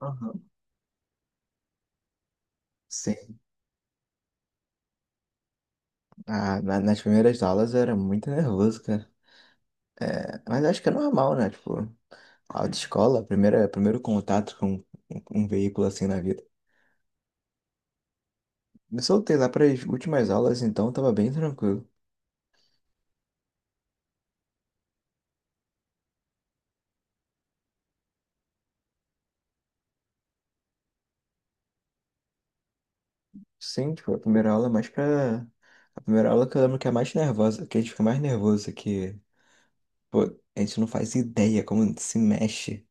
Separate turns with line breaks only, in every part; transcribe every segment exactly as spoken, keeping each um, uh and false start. Aham. Sim. Ah, na- nas primeiras aulas eu era muito nervoso, cara. É, mas acho que é normal, né? Tipo, autoescola, primeira, primeiro contato com um, um veículo assim na vida. Me soltei lá para as últimas aulas, então tava bem tranquilo. Sim, tipo, a primeira aula é mais pra. A primeira aula que eu lembro que é mais nervosa, que a gente fica mais nervoso, que, pô, a gente não faz ideia como se mexe.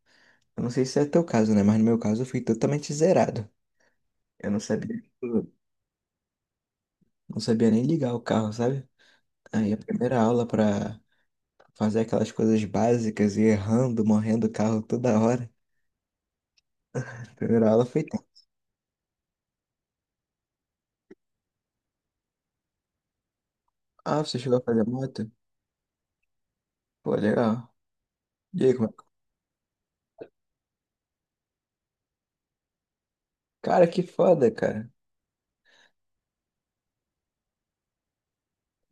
Eu não sei se é teu caso, né? Mas no meu caso eu fui totalmente zerado. Eu não sabia, Não sabia nem ligar o carro, sabe? Aí a primeira aula pra fazer aquelas coisas básicas e errando, morrendo o carro toda hora. A primeira aula foi tempo. Ah, você chegou a fazer moto? Pô, legal. E aí, como é que- Cara, que foda, cara.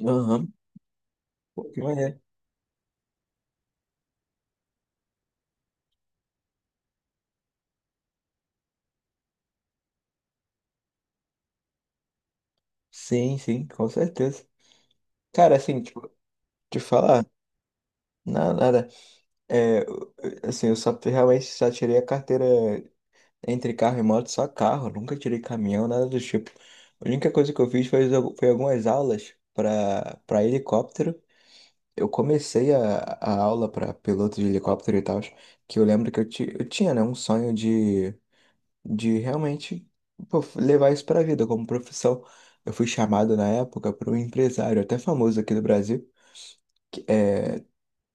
Aham. Pô, que maneiro. Sim, sim, com certeza. Cara, assim, tipo, te falar, nada, nada. É, eu- eu- assim, eu só realmente só tirei a carteira entre carro e moto, só carro. Nunca tirei caminhão, nada do tipo. A única coisa que eu fiz foi, foi algumas aulas pra, pra helicóptero. Eu comecei a, a aula para piloto de helicóptero e tal, que eu lembro que eu, ti- eu tinha, né, um sonho de, de realmente, pô, levar isso para a vida como profissão. Eu fui chamado na época por um empresário até famoso aqui do Brasil, que, é,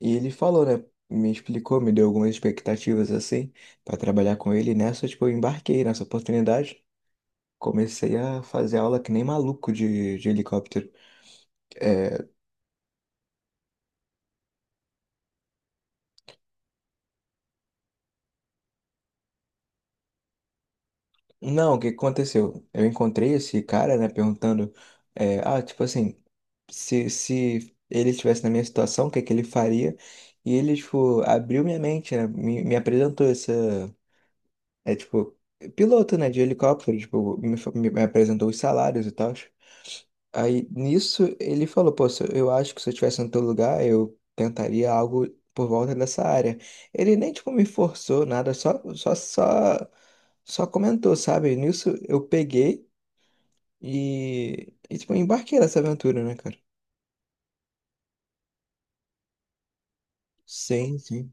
e ele falou, né, me explicou, me deu algumas expectativas assim para trabalhar com ele. E nessa, tipo, eu embarquei nessa oportunidade. Comecei a fazer aula que nem maluco de, de helicóptero. É. Não, o que aconteceu? Eu encontrei esse cara, né, perguntando, é, ah, tipo assim, se, se ele estivesse na minha situação, o que é que ele faria? E ele, tipo, abriu minha mente, né, me, me apresentou essa, é, tipo, piloto, né, de helicóptero, tipo, me, fa- me apresentou os salários e tal. Aí nisso ele falou, pô, se eu eu acho que se eu estivesse no teu lugar, eu tentaria algo por volta dessa área. Ele nem, tipo, me forçou nada, só, só, só, só comentou, sabe? Nisso eu peguei e, e tipo, embarquei nessa aventura, né, cara? Sim, sim.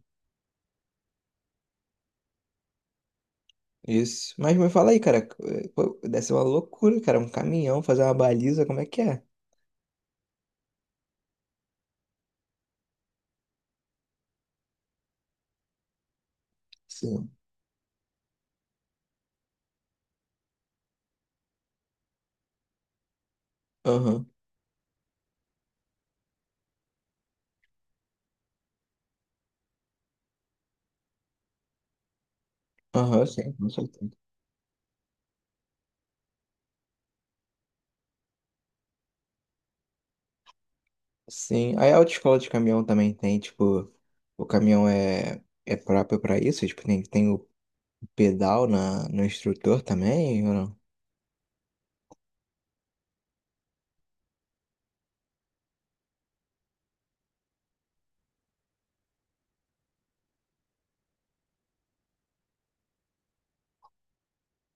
Isso. Mas me fala aí, cara, eh, pô, deve ser uma loucura, cara, um caminhão, fazer uma baliza, como é que é? Sim. Aham, aham, sim, com certeza. Sim, aí a autoescola de caminhão também tem, tipo, o caminhão é, é próprio pra isso, tipo, tem, tem o pedal na, no instrutor também, ou não?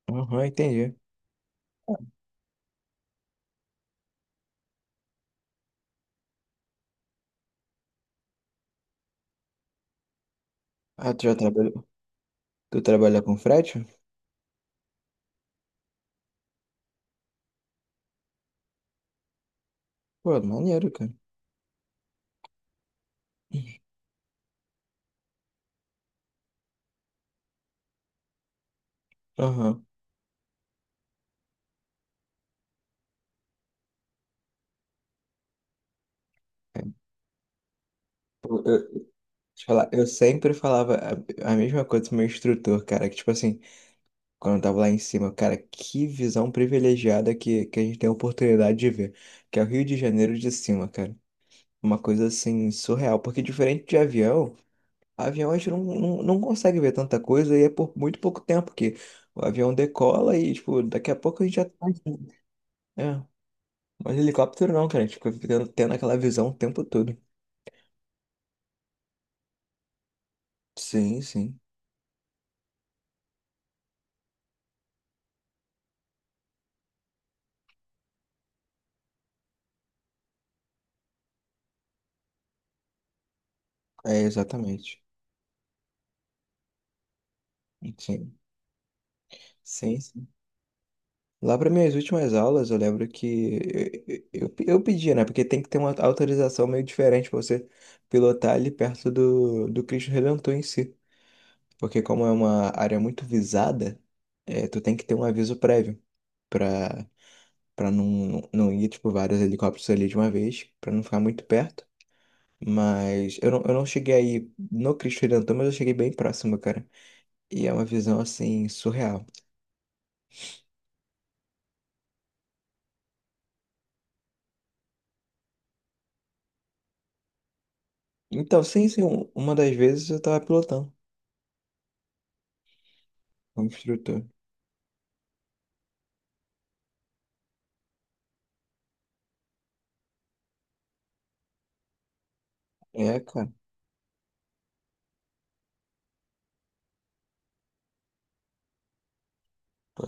Aham, entendi. Ah, tu já trabalhou, tu trabalha com frete? Pô, maneiro, cara. Aham. Pô, eu, deixa eu te falar, eu sempre falava a, a mesma coisa pro meu instrutor, cara, que tipo assim, quando eu tava lá em cima, cara, que visão privilegiada que, que a gente tem a oportunidade de ver, que é o Rio de Janeiro de cima, cara. Uma coisa assim, surreal. Porque diferente de avião, avião a gente não, não, não consegue ver tanta coisa e é por muito pouco tempo que o avião decola e, tipo, daqui a pouco a gente já tá. É. Mas helicóptero não, cara. A gente fica ficando- tendo aquela visão o tempo todo. Sim, sim. É, exatamente. Sim. Sim, sim. Lá para minhas últimas aulas, eu lembro que eu, eu, eu pedia, né? Porque tem que ter uma autorização meio diferente para você pilotar ali perto do, do Cristo Redentor em si. Porque como é uma área muito visada, é, tu tem que ter um aviso prévio pra, pra não, não ir, tipo, vários helicópteros ali de uma vez, pra não ficar muito perto. Mas eu não, eu não cheguei aí no Cristo Redentor, mas eu cheguei bem próximo, cara. E é uma visão, assim, surreal. Então, sim, sim, um- uma das vezes eu tava pilotando como instrutor. É, cara.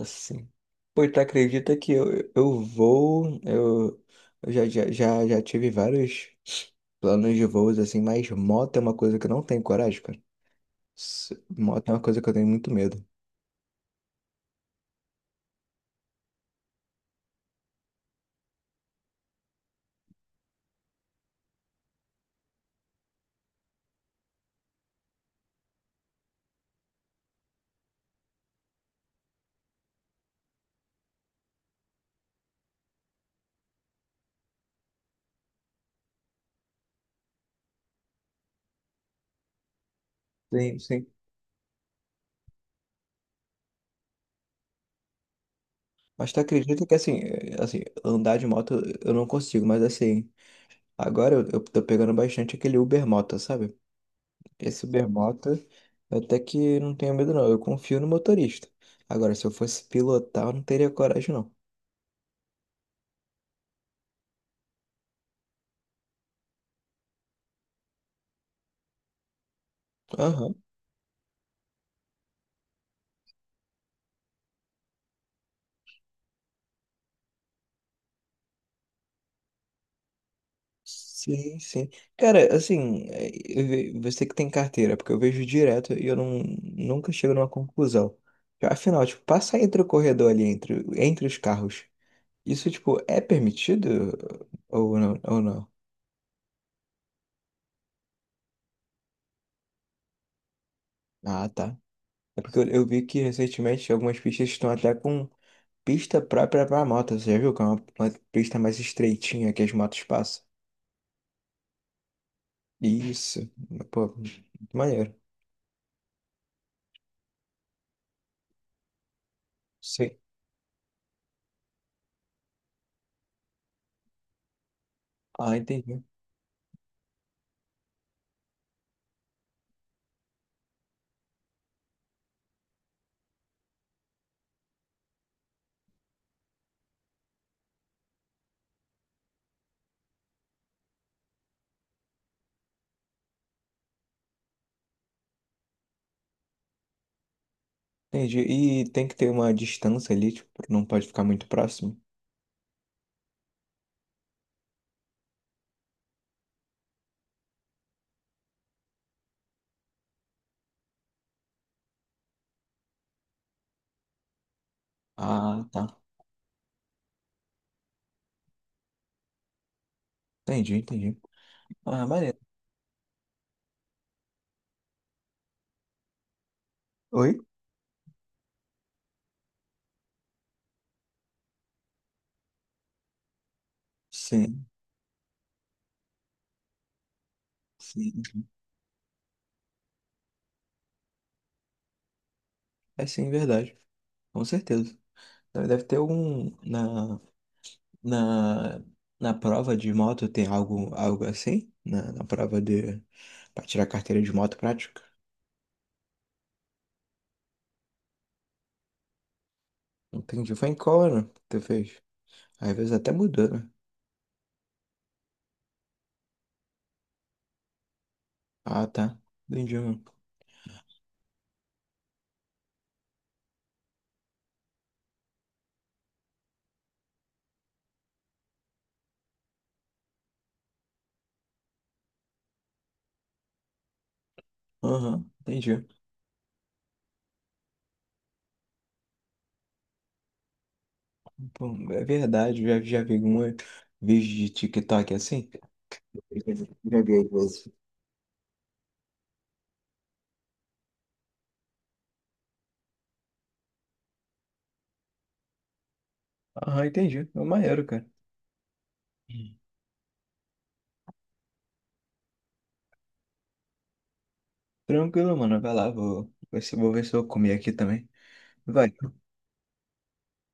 Assim, pois tu acredita que eu, eu vou. Eu, eu já, já, já, já tive vários planos de voos assim, mas moto é uma coisa que eu não tenho coragem, cara. S- Moto é uma coisa que eu tenho muito medo. Sim, sim. Mas tu acredita que assim, é, assim, andar de moto eu não consigo, mas assim, agora eu, eu tô pegando bastante aquele Uber Moto, sabe? Esse Uber Moto, eu até que não tenho medo não, eu confio no motorista. Agora, se eu fosse pilotar, eu não teria coragem não. Aham. Sim, sim. Cara, assim, é, eu ve- você que tem carteira, porque eu vejo direto e eu não, nunca chego numa conclusão. Afinal, tipo, passar entre o corredor ali, entre, entre os carros, isso, tipo, é permitido ou não? Ou não? Ah, tá. É porque eu, eu vi que recentemente algumas pistas estão até com pista própria pra moto, você já viu? Que é uma, uma pista mais estreitinha que as motos passam. Isso. Pô, muito maneiro. Sim. Ah, entendi. Entendi. E tem que ter uma distância ali, tipo, não pode ficar muito próximo. Ah, tá. Entendi, entendi. Ah, maneiro. Oi? Sim, sim. É sim, verdade. Com certeza. Deve deve ter algum. Na, na, na prova de moto tem algo, algo assim? Na, na prova de. Pra tirar carteira de moto prática? Entendi. Foi em qual ano que tu fez? Às vezes até mudou, né? Ah, tá. Entendi, mano. Aham, entendi. Bom, é verdade, já, já vi alguma vídeo de TikTok assim? Já vi às vezes. Ah, entendi. É o maneiro, cara. Hum. Tranquilo, mano. Vai lá, vou, vou ver se vou ver se eu comi aqui também. Vai.